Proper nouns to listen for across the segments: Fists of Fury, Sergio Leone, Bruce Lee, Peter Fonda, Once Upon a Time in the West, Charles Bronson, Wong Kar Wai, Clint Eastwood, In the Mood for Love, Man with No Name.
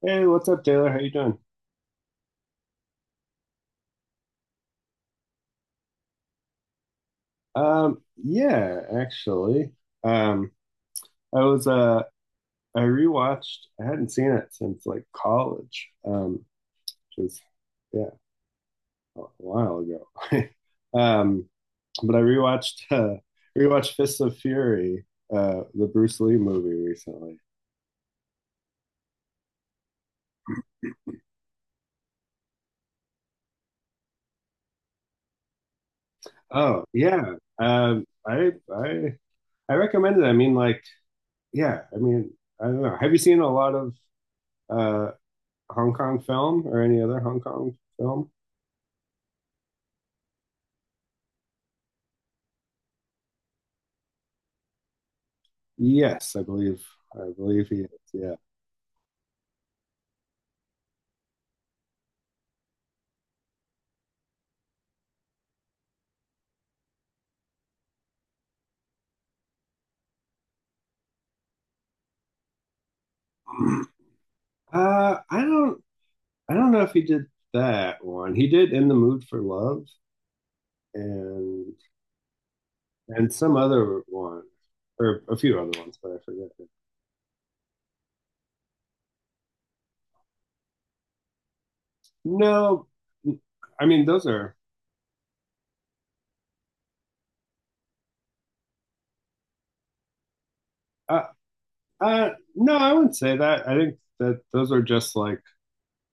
Hey, what's up, Taylor? How you doing? Yeah, actually, um, I was uh, I rewatched. I hadn't seen it since like college, which was yeah, a while ago. Um, but I rewatched rewatched Fists of Fury, the Bruce Lee movie recently. Oh yeah, I I recommend it. I mean, like yeah, I mean, I don't know. Have you seen a lot of uh Hong Kong film or any other Hong Kong film? Yes, I believe. I believe he is. Yeah. I don't. I don't know if he did that one. He did "In the Mood for Love" and some other one or a few other ones, but I forget. No, I mean those are. Uh, no, I wouldn't say that. I think that those are just like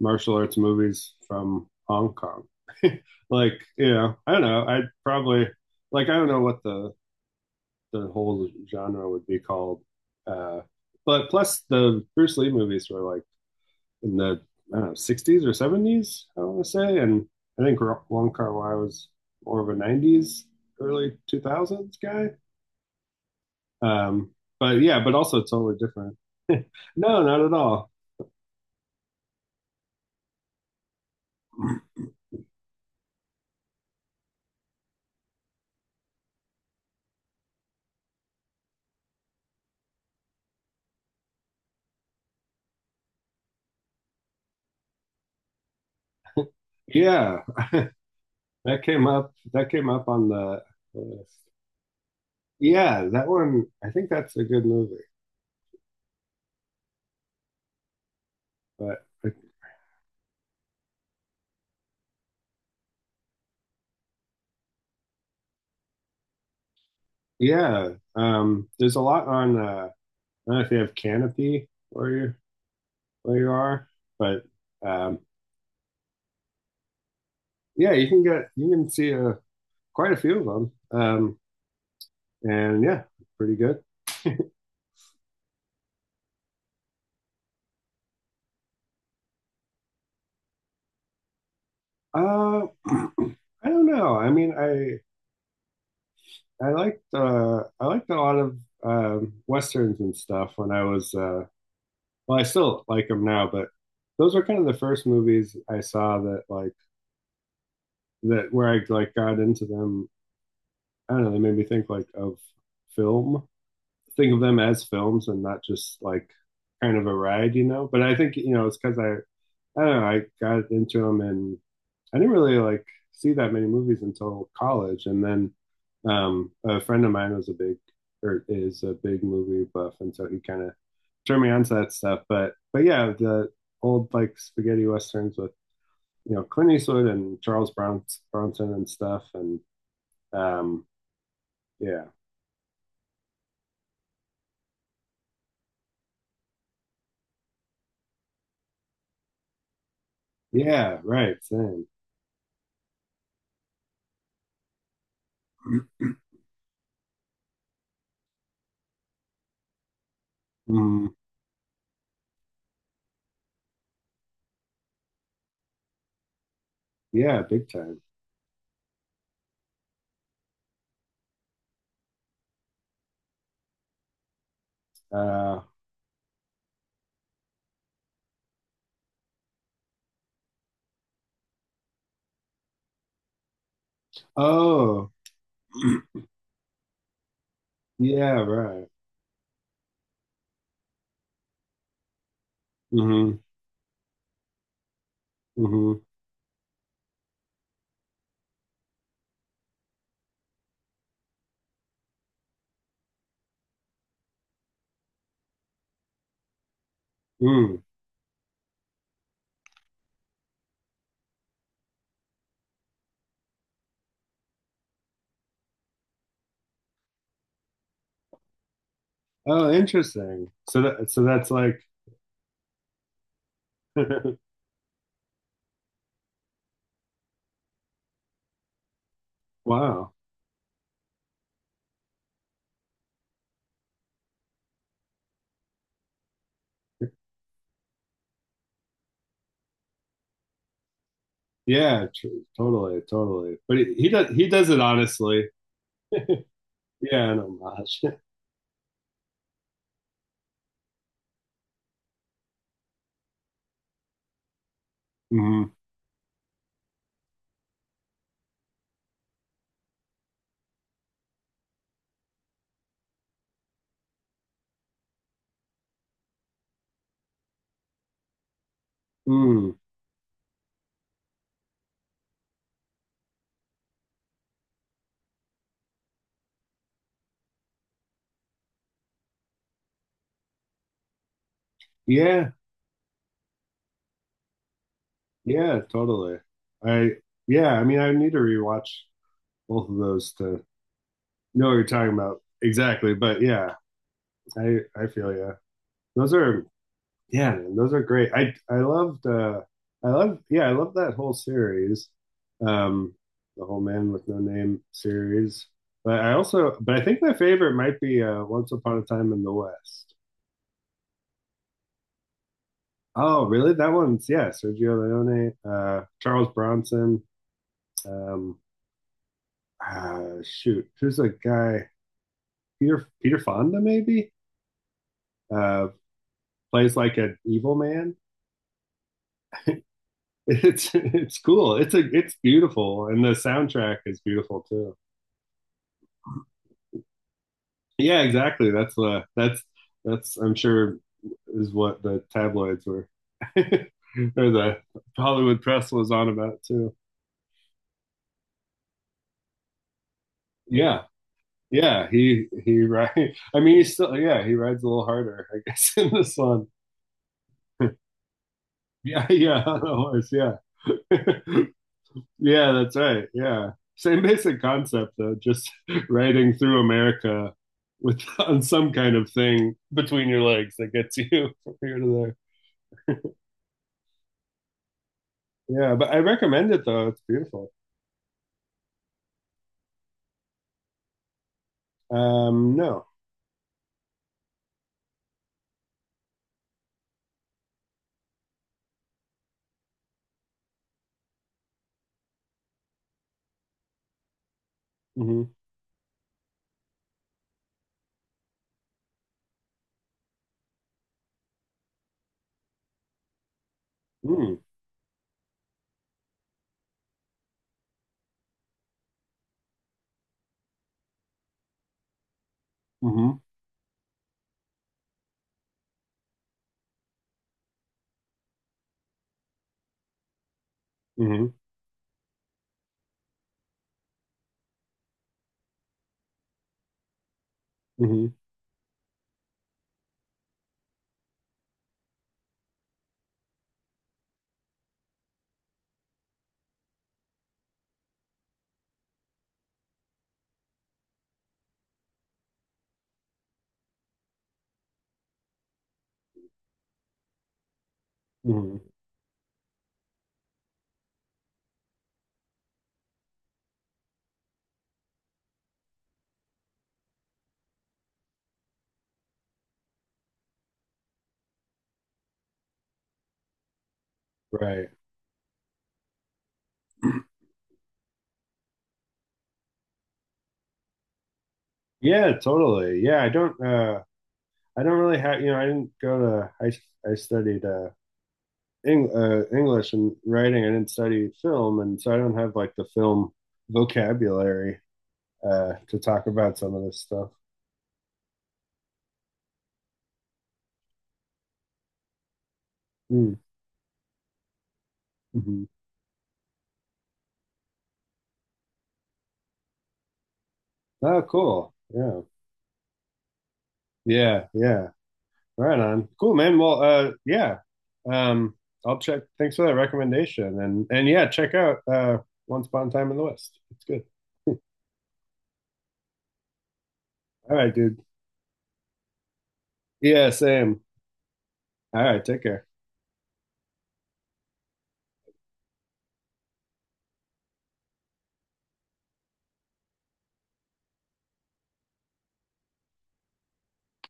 martial arts movies from Hong Kong. Like, you know, I don't know. I'd probably like I don't know what the whole genre would be called. Uh, but plus, the Bruce Lee movies were like in the I don't know, 60s or 70s, I want to say. And I think Wong Kar Wai was more of a 90s, early 2000s guy. Um, but yeah, but also totally different. No, not at all. Yeah, that came up. That came up on the list. Yeah, that one. I think that's a good movie. But Yeah, there's a lot on. I don't know if you have canopy where you are, but um, yeah, you can get you can see quite a few of them, and yeah, pretty good. I don't know. I mean, I liked a lot of westerns and stuff when I was well, I still like them now, but those were kind of the first movies I saw that like that where I like got into them. I don't know. They made me think like of film think of them as films and not just like kind of a ride, you know. But I think you know it's because I don't know I got into them and I didn't really like see that many movies until college, and then a friend of mine was a big or is a big movie buff, and so he kind of turned me on to that stuff. But yeah, the old like spaghetti westerns with you know Clint Eastwood and Charles Bronson and stuff, and um, yeah, yeah, right, same, mm, yeah, big time. Uh, oh, yeah, right. Mm-hmm, mm-hmm, mm. Oh, interesting. So that so that's like, wow. Yeah, tr Totally, totally. But he does it honestly. Yeah, an homage. Mm, mm. Yeah, yeah, totally. I yeah, I mean, I need to rewatch both of those to know what you're talking about exactly. But yeah, I feel yeah. Those are Yeah, man, those are great. I loved I love yeah, I love that whole series. Um the whole Man with No Name series. But I think my favorite might be Once Upon a Time in the West. Oh, really? That one's yeah, Sergio Leone, Charles Bronson, um shoot, who's a guy? Peter Fonda maybe? Uh plays like an evil man. It's cool. It's beautiful and the soundtrack is beautiful too. Yeah, exactly. That's I'm sure is what the tabloids were or the Hollywood press was on about too. Yeah. Yeah, he ri I mean he's still yeah, he rides a little harder, I guess, in this one. Yeah, yeah, on a horse, yeah. Yeah, that's right. Yeah. Same basic concept though, just riding through America with on some kind of thing between your legs that gets you from here to there. Yeah, but I recommend it though. It's beautiful. No. Mm-hmm. Mm. Mm-hmm. Mm-hmm. Mm-hmm. Mm-hmm. Right. Yeah, totally. Yeah, I don't really have, you know, I didn't go to I studied English and writing. I didn't study film and so I don't have like the film vocabulary to talk about some of this stuff. Mm. Hmm. Oh, cool. Yeah. Yeah, yeah. Right on. Cool, man. Well, yeah. Um, I'll check. Thanks for that recommendation. And yeah, check out Once Upon a Time in the West. It's good. All right, dude. Yeah, same. All right, take care.